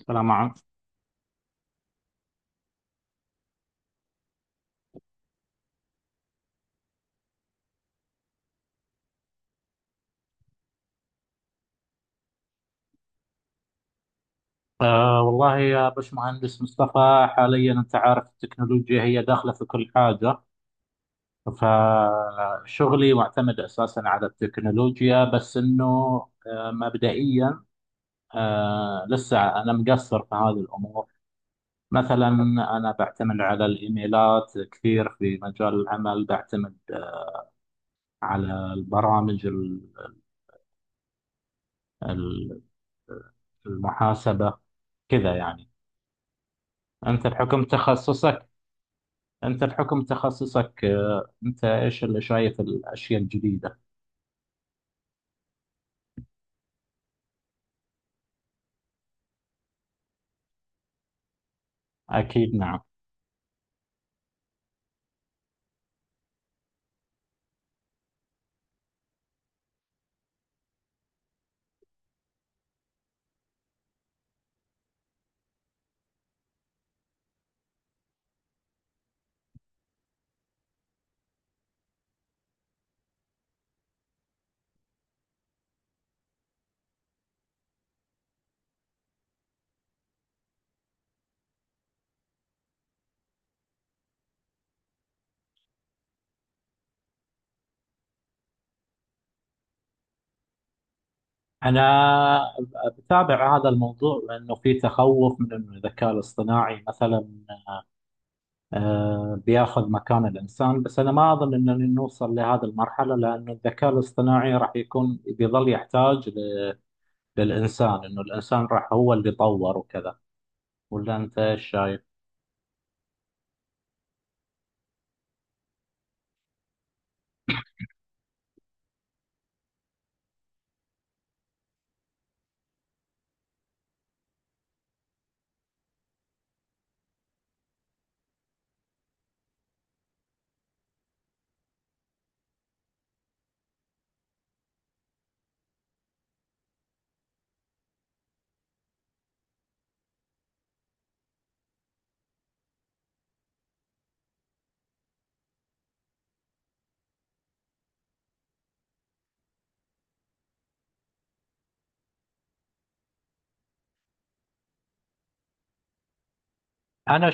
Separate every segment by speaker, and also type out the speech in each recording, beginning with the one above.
Speaker 1: السلام عليكم. والله يا باشمهندس مصطفى، حاليا انت عارف التكنولوجيا هي داخله في كل حاجه. فشغلي معتمد اساسا على التكنولوجيا، بس انه مبدئيا لسه انا مقصر في هذه الامور. مثلا انا بعتمد على الايميلات كثير في مجال العمل، بعتمد على البرامج ال- المحاسبه، كذا يعني. انت بحكم تخصصك أنت بحكم تخصصك، أنت إيش اللي شايف الأشياء الجديدة؟ أكيد، نعم. أنا بتابع هذا الموضوع، لأنه في تخوف من أن الذكاء الاصطناعي مثلا بياخذ مكان الإنسان. بس أنا ما أظن أننا نوصل لهذه المرحلة، لأنه الذكاء الاصطناعي راح يكون بيظل يحتاج للإنسان، أنه الإنسان راح هو اللي طور وكذا. ولا أنت إيش شايف؟ أنا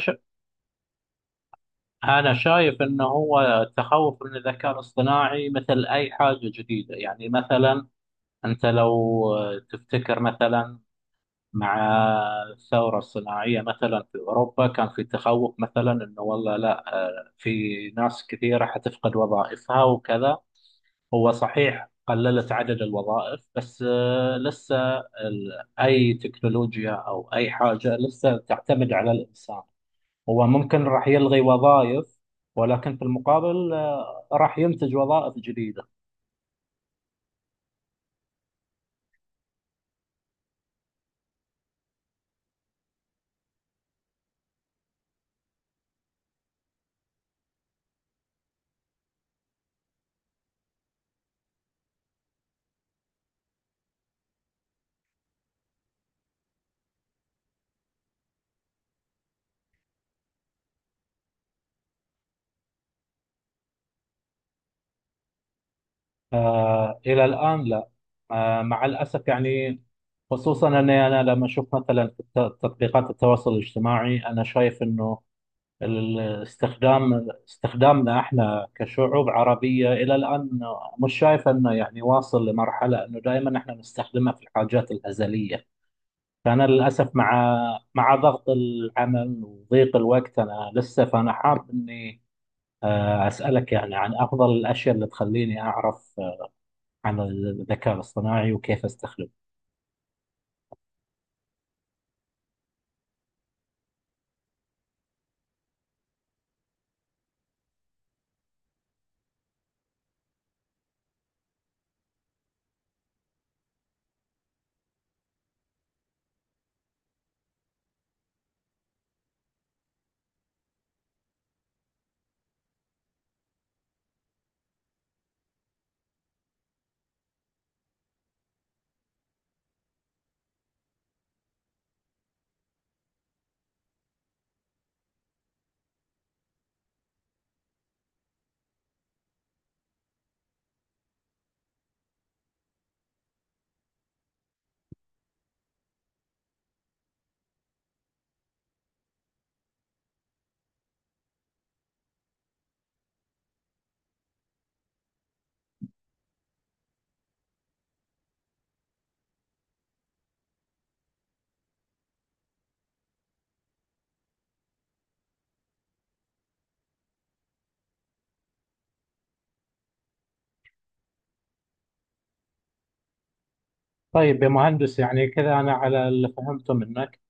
Speaker 1: أنا شايف إنه هو التخوف من الذكاء الاصطناعي مثل أي حاجة جديدة. يعني مثلا أنت لو تفتكر مثلا مع الثورة الصناعية مثلا في أوروبا، كان في تخوف مثلا إنه والله لا، في ناس كثيرة حتفقد وظائفها وكذا. هو صحيح قللت عدد الوظائف، بس لسه أي تكنولوجيا أو أي حاجة لسه تعتمد على الإنسان. هو ممكن راح يلغي وظائف، ولكن في المقابل راح ينتج وظائف جديدة. إلى الآن لا. مع الأسف يعني، خصوصا أني أنا لما أشوف مثلا في تطبيقات التواصل الاجتماعي، أنا شايف أنه استخدامنا احنا كشعوب عربية إلى الآن، مش شايف أنه يعني واصل لمرحلة أنه دائما احنا نستخدمها في الحاجات الهزلية. فأنا للأسف مع ضغط العمل وضيق الوقت، أنا لسه. فأنا حاب إني أسألك يعني عن أفضل الأشياء اللي تخليني أعرف عن الذكاء الاصطناعي وكيف أستخدمه. طيب يا مهندس، يعني كذا أنا على اللي فهمته منك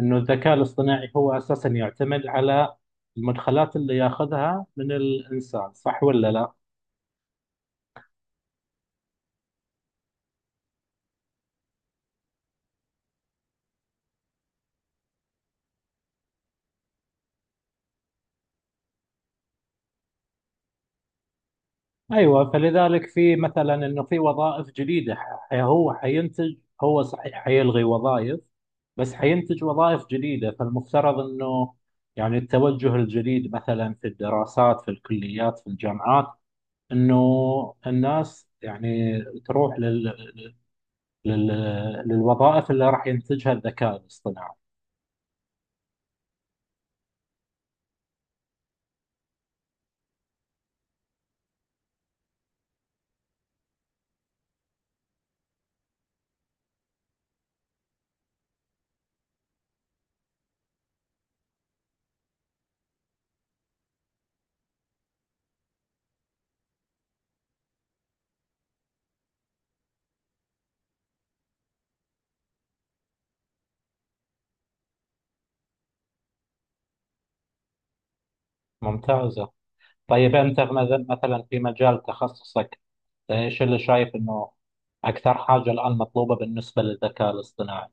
Speaker 1: إنه الذكاء الاصطناعي هو أساسا يعتمد على المدخلات اللي ياخذها من الإنسان، صح ولا لا؟ ايوه، فلذلك في مثلا انه في وظائف جديده، هو حينتج. هو صحيح حيلغي وظائف بس حينتج وظائف جديده. فالمفترض انه يعني التوجه الجديد مثلا في الدراسات في الكليات في الجامعات، انه الناس يعني تروح لل... للوظائف اللي راح ينتجها الذكاء الاصطناعي. ممتازه. طيب انت مثلا مثلاً في مجال تخصصك، ايش اللي شايف انه اكثر حاجه الان مطلوبه بالنسبه للذكاء الاصطناعي؟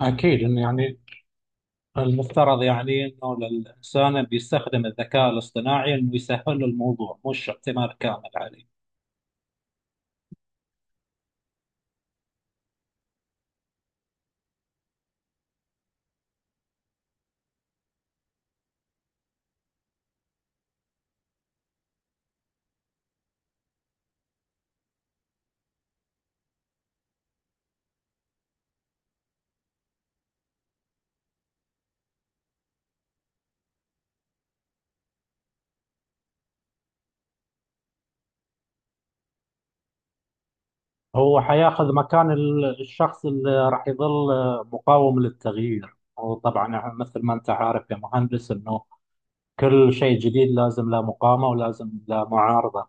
Speaker 1: اكيد انه يعني المفترض يعني انه الانسان اللي بيستخدم الذكاء الاصطناعي، انه يسهل له الموضوع مش اعتماد كامل عليه. هو حياخذ مكان الشخص اللي راح يظل مقاوم للتغيير. وطبعا يعني مثل ما انت عارف يا مهندس، انه كل شيء جديد لازم له مقاومه ولازم له معارضه.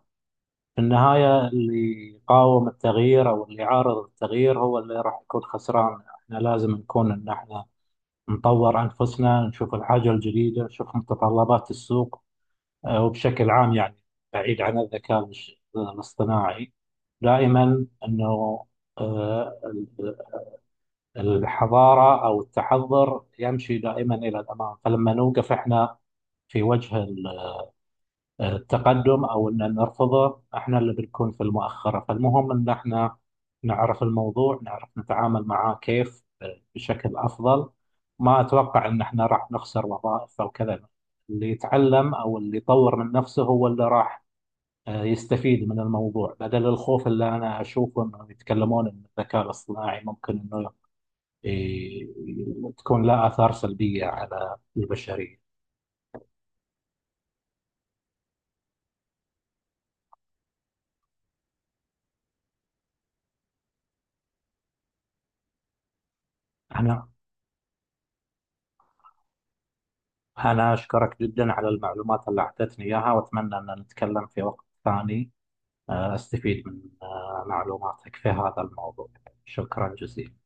Speaker 1: في النهاية اللي يقاوم التغيير أو اللي يعارض التغيير هو اللي راح يكون خسران. احنا لازم نكون إن احنا نطور أنفسنا، نشوف الحاجة الجديدة، نشوف متطلبات السوق. وبشكل عام يعني بعيد عن الذكاء الاصطناعي، دائما أنه آه، ال- الحضارة أو التحضر يمشي دائما إلى الأمام. فلما نوقف احنا في وجه التقدم او ان نرفضه، احنا اللي بنكون في المؤخره. فالمهم ان احنا نعرف الموضوع، نعرف نتعامل معاه كيف بشكل افضل. ما اتوقع ان احنا راح نخسر وظائف او كذا. اللي يتعلم او اللي يطور من نفسه هو اللي راح يستفيد من الموضوع، بدل الخوف اللي انا اشوفه انه يتكلمون ان الذكاء الاصطناعي ممكن انه ي- تكون له اثار سلبيه على البشريه. انا أنا أشكرك جدا على المعلومات اللي أعطيتني إياها، وأتمنى أن نتكلم في وقت ثاني أستفيد من معلوماتك في هذا الموضوع. شكرا جزيلا.